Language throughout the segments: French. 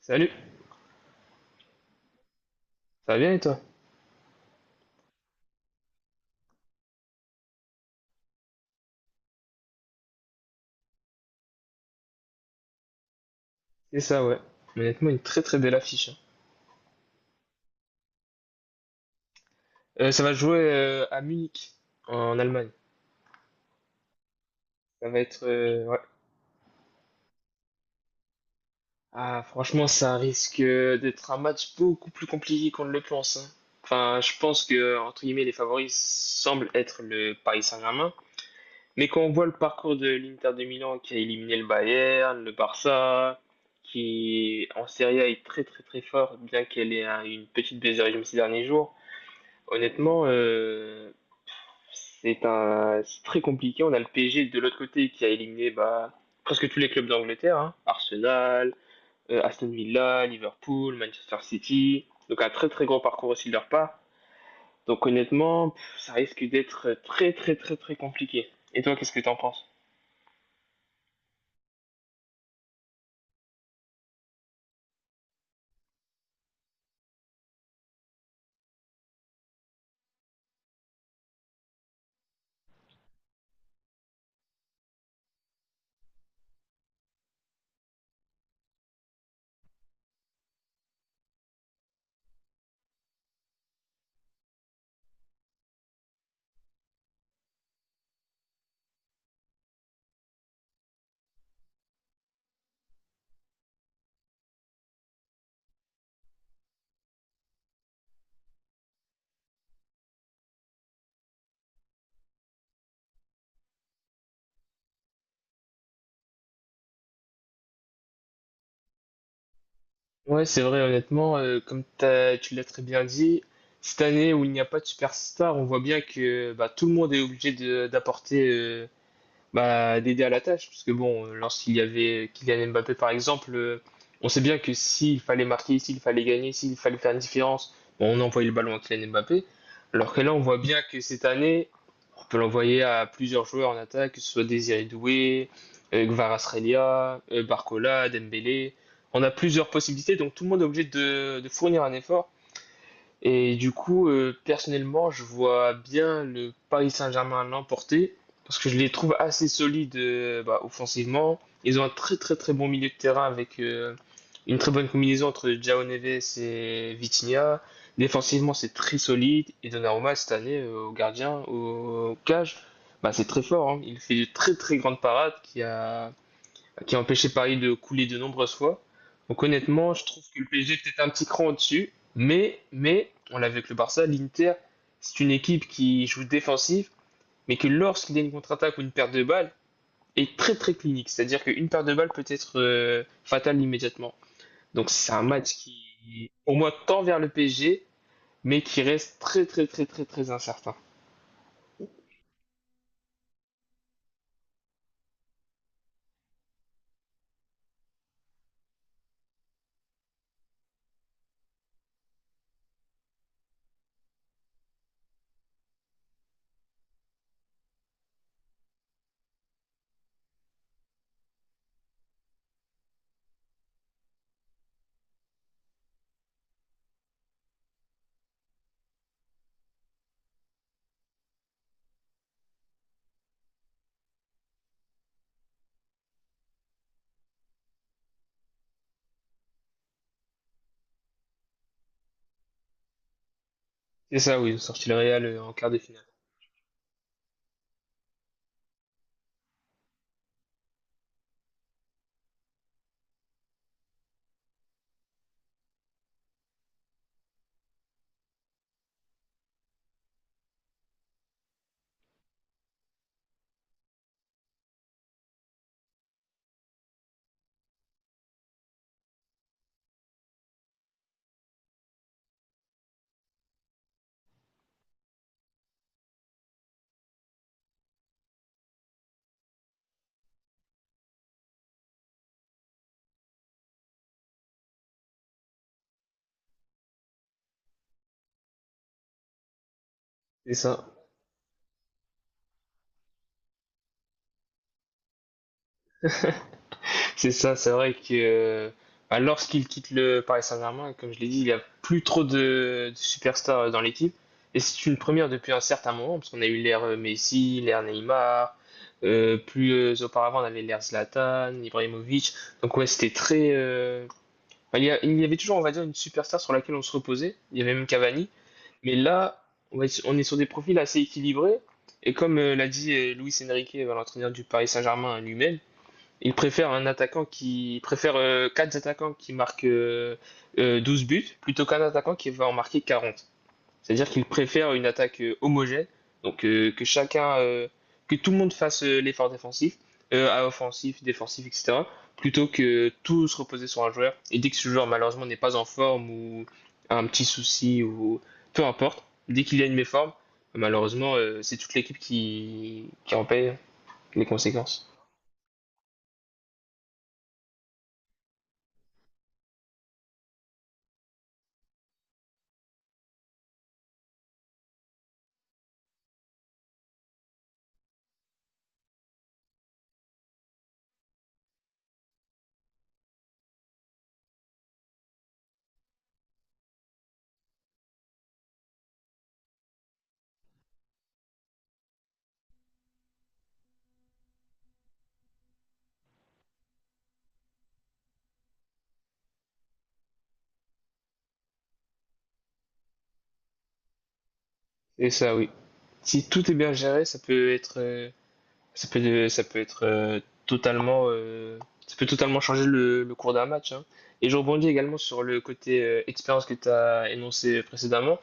Salut, ça va bien et toi? C'est ça, ouais. Mais honnêtement, une très très belle affiche, hein. Ça va jouer à Munich, en Allemagne. Ça va être, ouais. Ah, franchement, ça risque d'être un match beaucoup plus compliqué qu'on ne le pense, hein. Enfin, je pense que, entre guillemets, les favoris semblent être le Paris Saint-Germain. Mais quand on voit le parcours de l'Inter de Milan qui a éliminé le Bayern, le Barça, qui en Serie A est très très très fort, bien qu'elle ait une petite baisse régime ces derniers jours. Honnêtement, c'est très compliqué. On a le PSG de l'autre côté qui a éliminé bah, presque tous les clubs d'Angleterre, hein. Arsenal, Aston Villa, Liverpool, Manchester City. Donc un très très gros parcours aussi de leur part. Donc honnêtement, ça risque d'être très très très très compliqué. Et toi, qu'est-ce que t'en penses? Ouais, c'est vrai, honnêtement, comme tu l'as très bien dit, cette année où il n'y a pas de superstar, on voit bien que bah, tout le monde est obligé d'apporter bah, d'aider à la tâche, parce que bon, lorsqu'il y avait Kylian Mbappé par exemple, on sait bien que s'il fallait marquer, s'il fallait gagner, s'il fallait faire une différence, bon, on envoyait le ballon à Kylian Mbappé, alors que là on voit bien que cette année, on peut l'envoyer à plusieurs joueurs en attaque, que ce soit Désiré Doué, Kvaratskhelia, Barcola, Dembélé, on a plusieurs possibilités, donc tout le monde est obligé de fournir un effort. Et du coup, personnellement, je vois bien le Paris Saint-Germain l'emporter parce que je les trouve assez solides bah, offensivement. Ils ont un très très très bon milieu de terrain avec une très bonne combinaison entre João Neves et Vitinha. Défensivement, c'est très solide. Et Donnarumma, cette année, au gardien, au cage, bah, c'est très fort, hein. Il fait de très très grandes parades qui a empêché Paris de couler de nombreuses fois. Donc honnêtement, je trouve que le PSG est peut-être un petit cran au-dessus, mais on l'a vu avec le Barça, l'Inter, c'est une équipe qui joue défensive, mais que lorsqu'il y a une contre-attaque ou une perte de balle, est très très clinique. C'est-à-dire qu'une perte de balle peut être fatale immédiatement. Donc c'est un match qui, au moins, tend vers le PSG, mais qui reste très très très très très incertain. C'est ça, oui, sorti le Real en quart de finale. C'est ça. C'est ça, c'est vrai que bah, lorsqu'il quitte le Paris Saint-Germain, comme je l'ai dit, il n'y a plus trop de superstars dans l'équipe. Et c'est une première depuis un certain moment, parce qu'on a eu l'ère Messi, l'ère Neymar, plus auparavant on avait l'ère Zlatan, Ibrahimovic. Donc ouais, c'était très, bah, il y avait toujours, on va dire, une superstar sur laquelle on se reposait. Il y avait même Cavani. Mais là, on est sur des profils assez équilibrés. Et comme l'a dit Luis Enrique, l'entraîneur du Paris Saint-Germain lui-même, il préfère quatre attaquants qui marquent 12 buts plutôt qu'un attaquant qui va en marquer 40. C'est-à-dire qu'il préfère une attaque homogène, donc que tout le monde fasse l'effort défensif, à offensif, défensif, etc., plutôt que tout se reposer sur un joueur. Et dès que ce joueur malheureusement n'est pas en forme ou a un petit souci ou peu importe, dès qu'il y a une méforme, malheureusement c'est toute l'équipe qui en paye les conséquences. Et ça, oui. Si tout est bien géré, ça peut, ça peut être euh, totalement, euh, ça peut totalement changer le cours d'un match, hein. Et je rebondis également sur le côté expérience que tu as énoncé précédemment.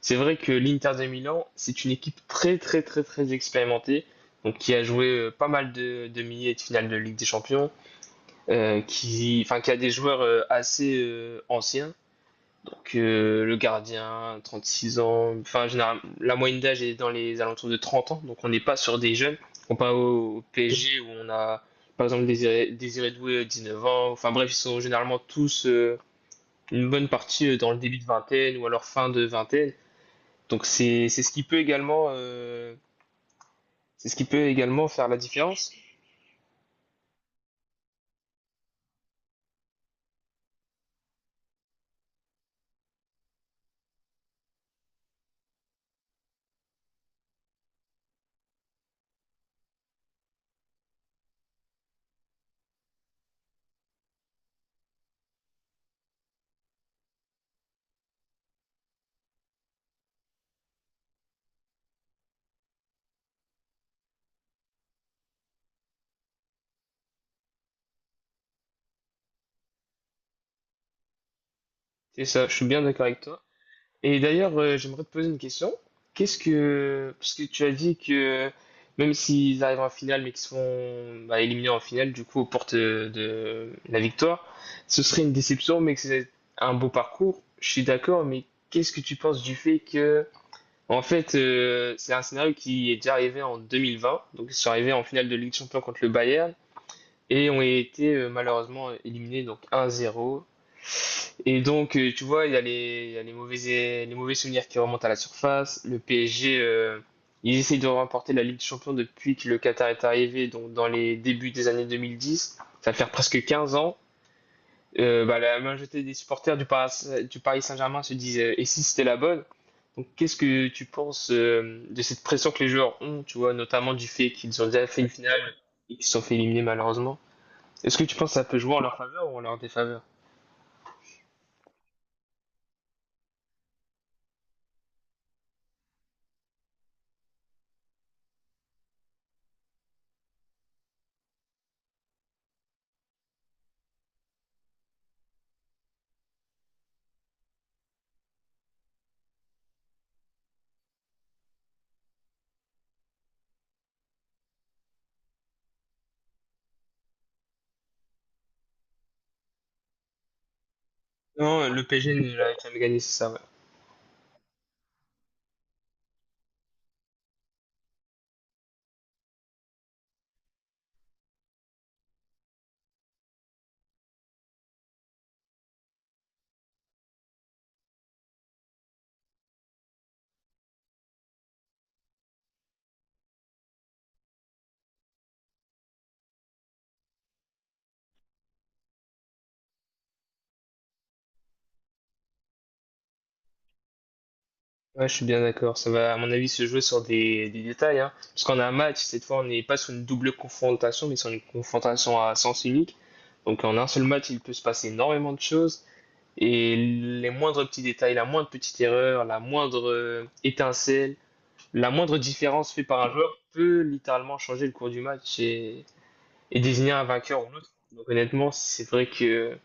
C'est vrai que l'Inter de Milan, c'est une équipe très, très, très, très expérimentée, donc qui a joué pas mal de demi et de finales de Ligue des Champions, enfin, qui a des joueurs assez anciens que le gardien, 36 ans. Enfin, général, la moyenne d'âge est dans les alentours de 30 ans, donc on n'est pas sur des jeunes. On pas au PSG où on a, par exemple, Désiré Doué, 19 ans. Enfin bref, ils sont généralement tous une bonne partie dans le début de vingtaine ou alors fin de vingtaine. Donc c'est ce qui peut également faire la différence. C'est ça, je suis bien d'accord avec toi. Et d'ailleurs, j'aimerais te poser une question. Parce que tu as dit que même s'ils arrivent en finale, mais qu'ils se font bah, éliminés en finale, du coup, aux portes de la victoire, ce serait une déception, mais que c'est un beau parcours. Je suis d'accord, mais qu'est-ce que tu penses du fait que, en fait, c'est un scénario qui est déjà arrivé en 2020, donc ils sont arrivés en finale de Ligue des Champions contre le Bayern et ont été malheureusement éliminés donc 1-0. Et donc, tu vois, il y a les mauvais souvenirs qui remontent à la surface. Le PSG, ils essayent de remporter la Ligue des Champions depuis que le Qatar est arrivé, donc dans les débuts des années 2010. Ça va faire presque 15 ans. Bah, la majorité des supporters du Paris Saint-Germain se disent, et si c'était la bonne? Donc, qu'est-ce que tu penses de cette pression que les joueurs ont, tu vois, notamment du fait qu'ils ont déjà fait une finale et qu'ils se sont fait éliminer malheureusement? Est-ce que tu penses que ça peut jouer en leur faveur ou en leur défaveur? Non, le PSG ne l'a jamais gagné, c'est ça. Ouais, je suis bien d'accord. Ça va, à mon avis, se jouer sur des détails, hein. Parce qu'on a un match, cette fois, on n'est pas sur une double confrontation, mais sur une confrontation à sens unique. Donc, en un seul match, il peut se passer énormément de choses. Et les moindres petits détails, la moindre petite erreur, la moindre étincelle, la moindre différence faite par un joueur peut littéralement changer le cours du match et désigner un vainqueur ou l'autre. Donc, honnêtement, c'est vrai que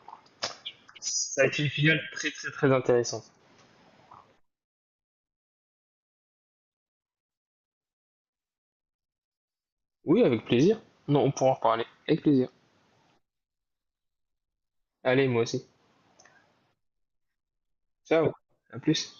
ça a été une finale très, très, très intéressante. Oui, avec plaisir. Non, on pourra en reparler. Avec plaisir. Allez, moi aussi. Ciao, à plus.